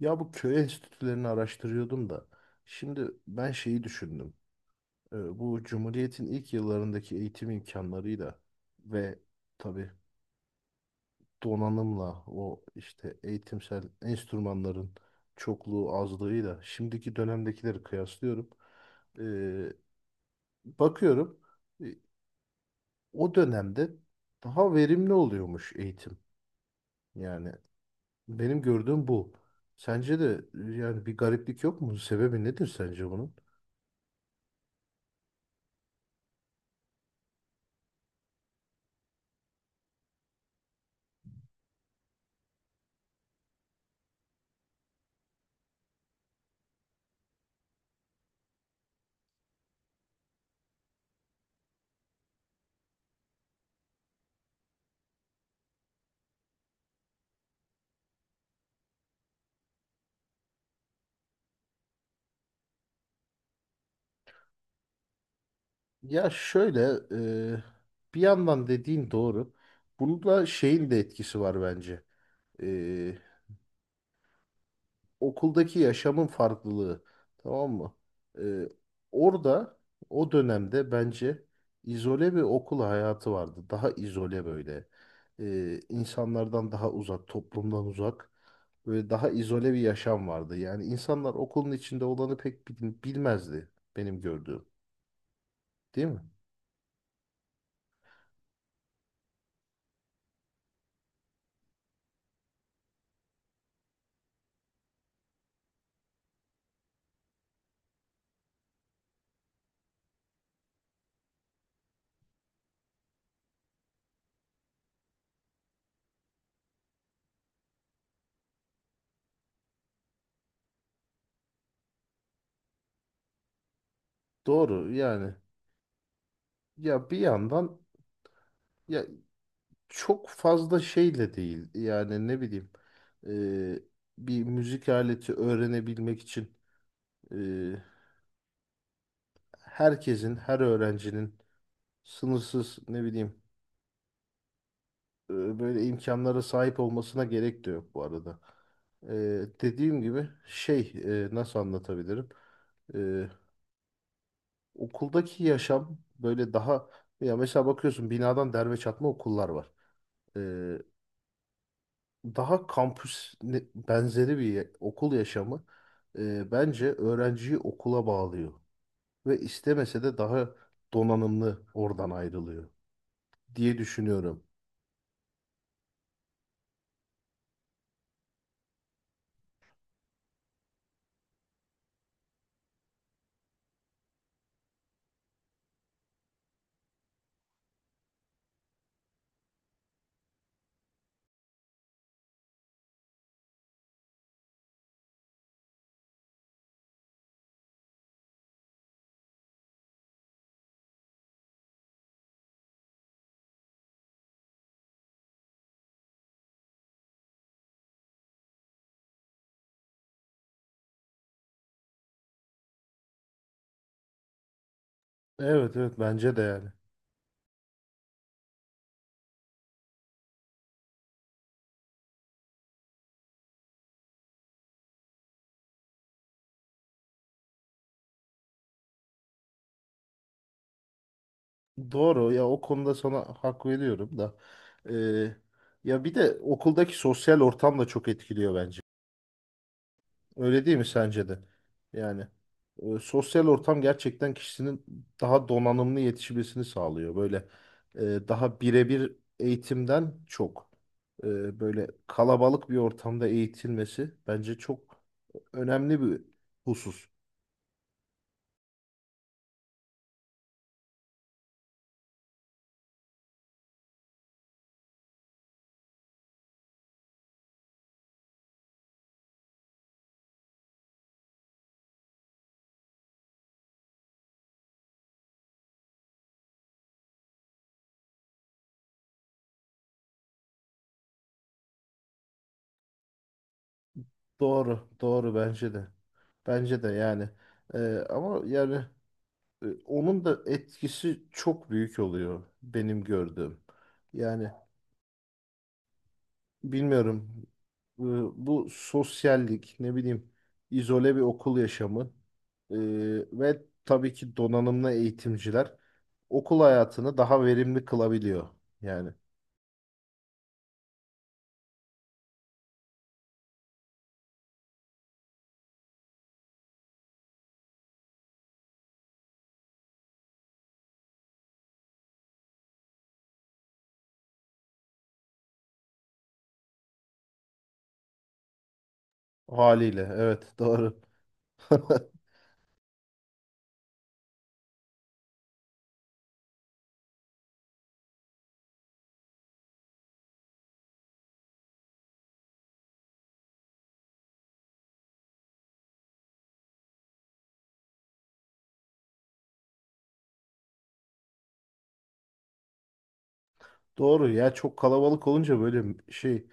Ya bu köy enstitülerini araştırıyordum da. Şimdi ben şeyi düşündüm. Bu Cumhuriyet'in ilk yıllarındaki eğitim imkanlarıyla ve tabii donanımla o işte eğitimsel enstrümanların çokluğu azlığıyla şimdiki dönemdekileri kıyaslıyorum. Ee, bakıyorum e, o dönemde daha verimli oluyormuş eğitim. Yani benim gördüğüm bu. Sence de yani bir gariplik yok mu? Sebebi nedir sence bunun? Ya şöyle, e, bir yandan dediğin doğru. Bunda şeyin de etkisi var bence. E, okuldaki yaşamın farklılığı. Tamam mı? E, orada o dönemde bence izole bir okul hayatı vardı. Daha izole böyle. İnsanlardan daha uzak, toplumdan uzak. Böyle daha izole bir yaşam vardı. Yani insanlar okulun içinde olanı pek bilmezdi benim gördüğüm. Değil mi? Doğru yani. Ya bir yandan, ya çok fazla şeyle değil. Yani ne bileyim, e, bir müzik aleti öğrenebilmek için e, herkesin, her öğrencinin sınırsız ne bileyim, böyle imkanlara sahip olmasına gerek de yok bu arada. E, dediğim gibi şey, nasıl anlatabilirim? E, okuldaki yaşam böyle daha, ya mesela bakıyorsun binadan derme çatma okullar var. Daha kampüs benzeri bir okul yaşamı bence öğrenciyi okula bağlıyor ve istemese de daha donanımlı oradan ayrılıyor diye düşünüyorum. Evet evet bence de yani. Doğru ya, o konuda sana hak veriyorum da e, ya bir de okuldaki sosyal ortam da çok etkiliyor bence. Öyle değil mi sence de? Yani sosyal ortam gerçekten kişinin daha donanımlı yetişmesini sağlıyor. Böyle daha birebir eğitimden çok böyle kalabalık bir ortamda eğitilmesi bence çok önemli bir husus. Doğru, doğru bence de. Bence de yani. E, ama yani onun da etkisi çok büyük oluyor benim gördüğüm. Yani bilmiyorum. e, Bu sosyallik, ne bileyim, izole bir okul yaşamı, e, ve tabii ki donanımlı eğitimciler okul hayatını daha verimli kılabiliyor. Yani haliyle. Evet, doğru. Doğru ya, çok kalabalık olunca böyle şey,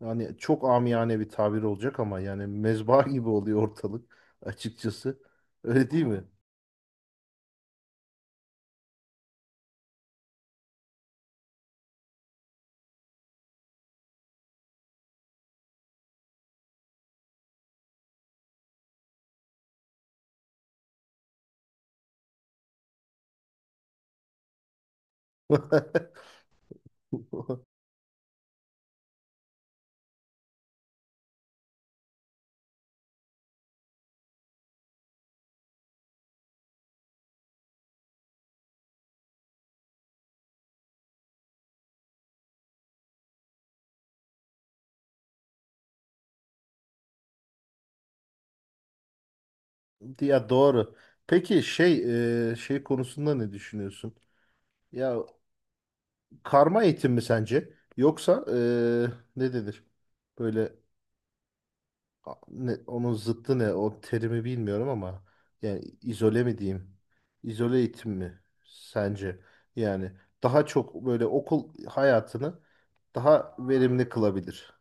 yani çok amiyane bir tabir olacak ama yani mezba gibi oluyor ortalık açıkçası. Öyle değil mi? Ya doğru. Peki şey, şey konusunda ne düşünüyorsun? Ya karma eğitim mi sence? Yoksa ne denir? Böyle ne, onun zıttı ne? O terimi bilmiyorum ama yani izole mi diyeyim? İzole eğitim mi sence? Yani daha çok böyle okul hayatını daha verimli kılabilir.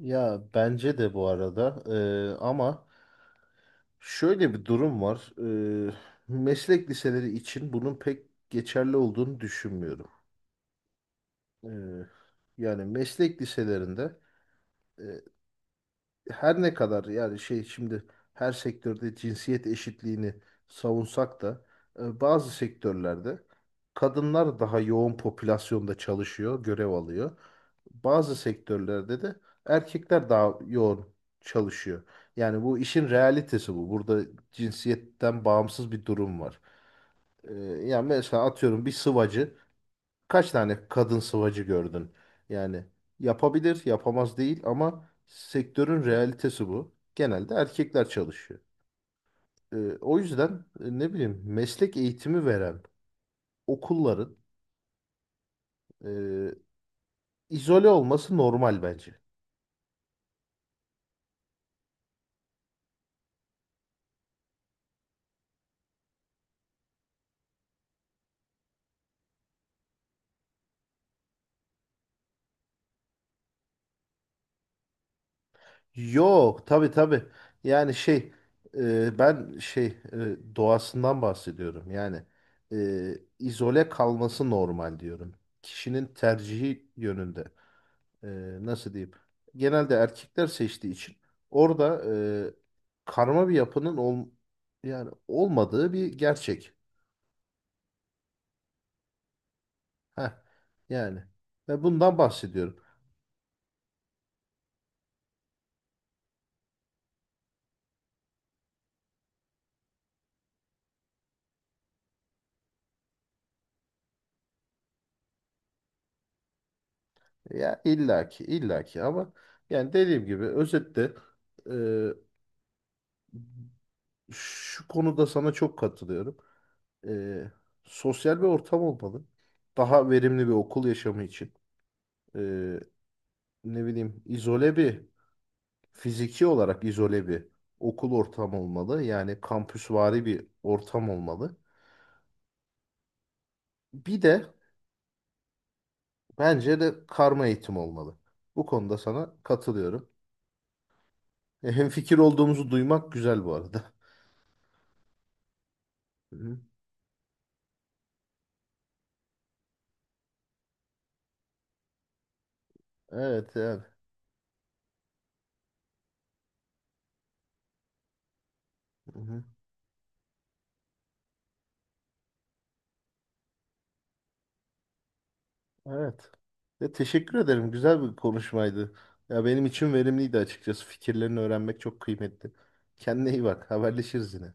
Ya bence de bu arada, ama şöyle bir durum var. Eee, meslek liseleri için bunun pek geçerli olduğunu düşünmüyorum. Eee, yani meslek liselerinde, E, her ne kadar yani şey şimdi her sektörde cinsiyet eşitliğini savunsak da bazı sektörlerde kadınlar daha yoğun popülasyonda çalışıyor, görev alıyor. Bazı sektörlerde de erkekler daha yoğun çalışıyor. Yani bu işin realitesi bu. Burada cinsiyetten bağımsız bir durum var. E, yani mesela atıyorum bir sıvacı, kaç tane kadın sıvacı gördün? Yani yapabilir, yapamaz değil ama sektörün realitesi bu. Genelde erkekler çalışıyor. O yüzden ne bileyim meslek eğitimi veren okulların e, izole olması normal bence. Yok, tabii tabii. Yani şey, ben şey, doğasından bahsediyorum. Yani e, izole kalması normal diyorum. Kişinin tercihi yönünde. e, Nasıl diyeyim, genelde erkekler seçtiği için orada e, karma bir yapının ol, yani olmadığı bir gerçek. Heh, yani ve bundan bahsediyorum. Ya illaki illaki ama yani dediğim gibi özetle e, şu konuda sana çok katılıyorum. E, sosyal bir ortam olmalı. Daha verimli bir okul yaşamı için. E, ne bileyim izole bir, fiziki olarak izole bir okul ortamı olmalı. Yani kampüsvari bir ortam olmalı. Bir de bence de karma eğitim olmalı. Bu konuda sana katılıyorum. Hemfikir olduğumuzu duymak güzel bu arada. Hı hı. Evet yani. Hı hı. Evet. Ya, teşekkür ederim. Güzel bir konuşmaydı. Ya benim için verimliydi açıkçası. Fikirlerini öğrenmek çok kıymetli. Kendine iyi bak. Haberleşiriz yine.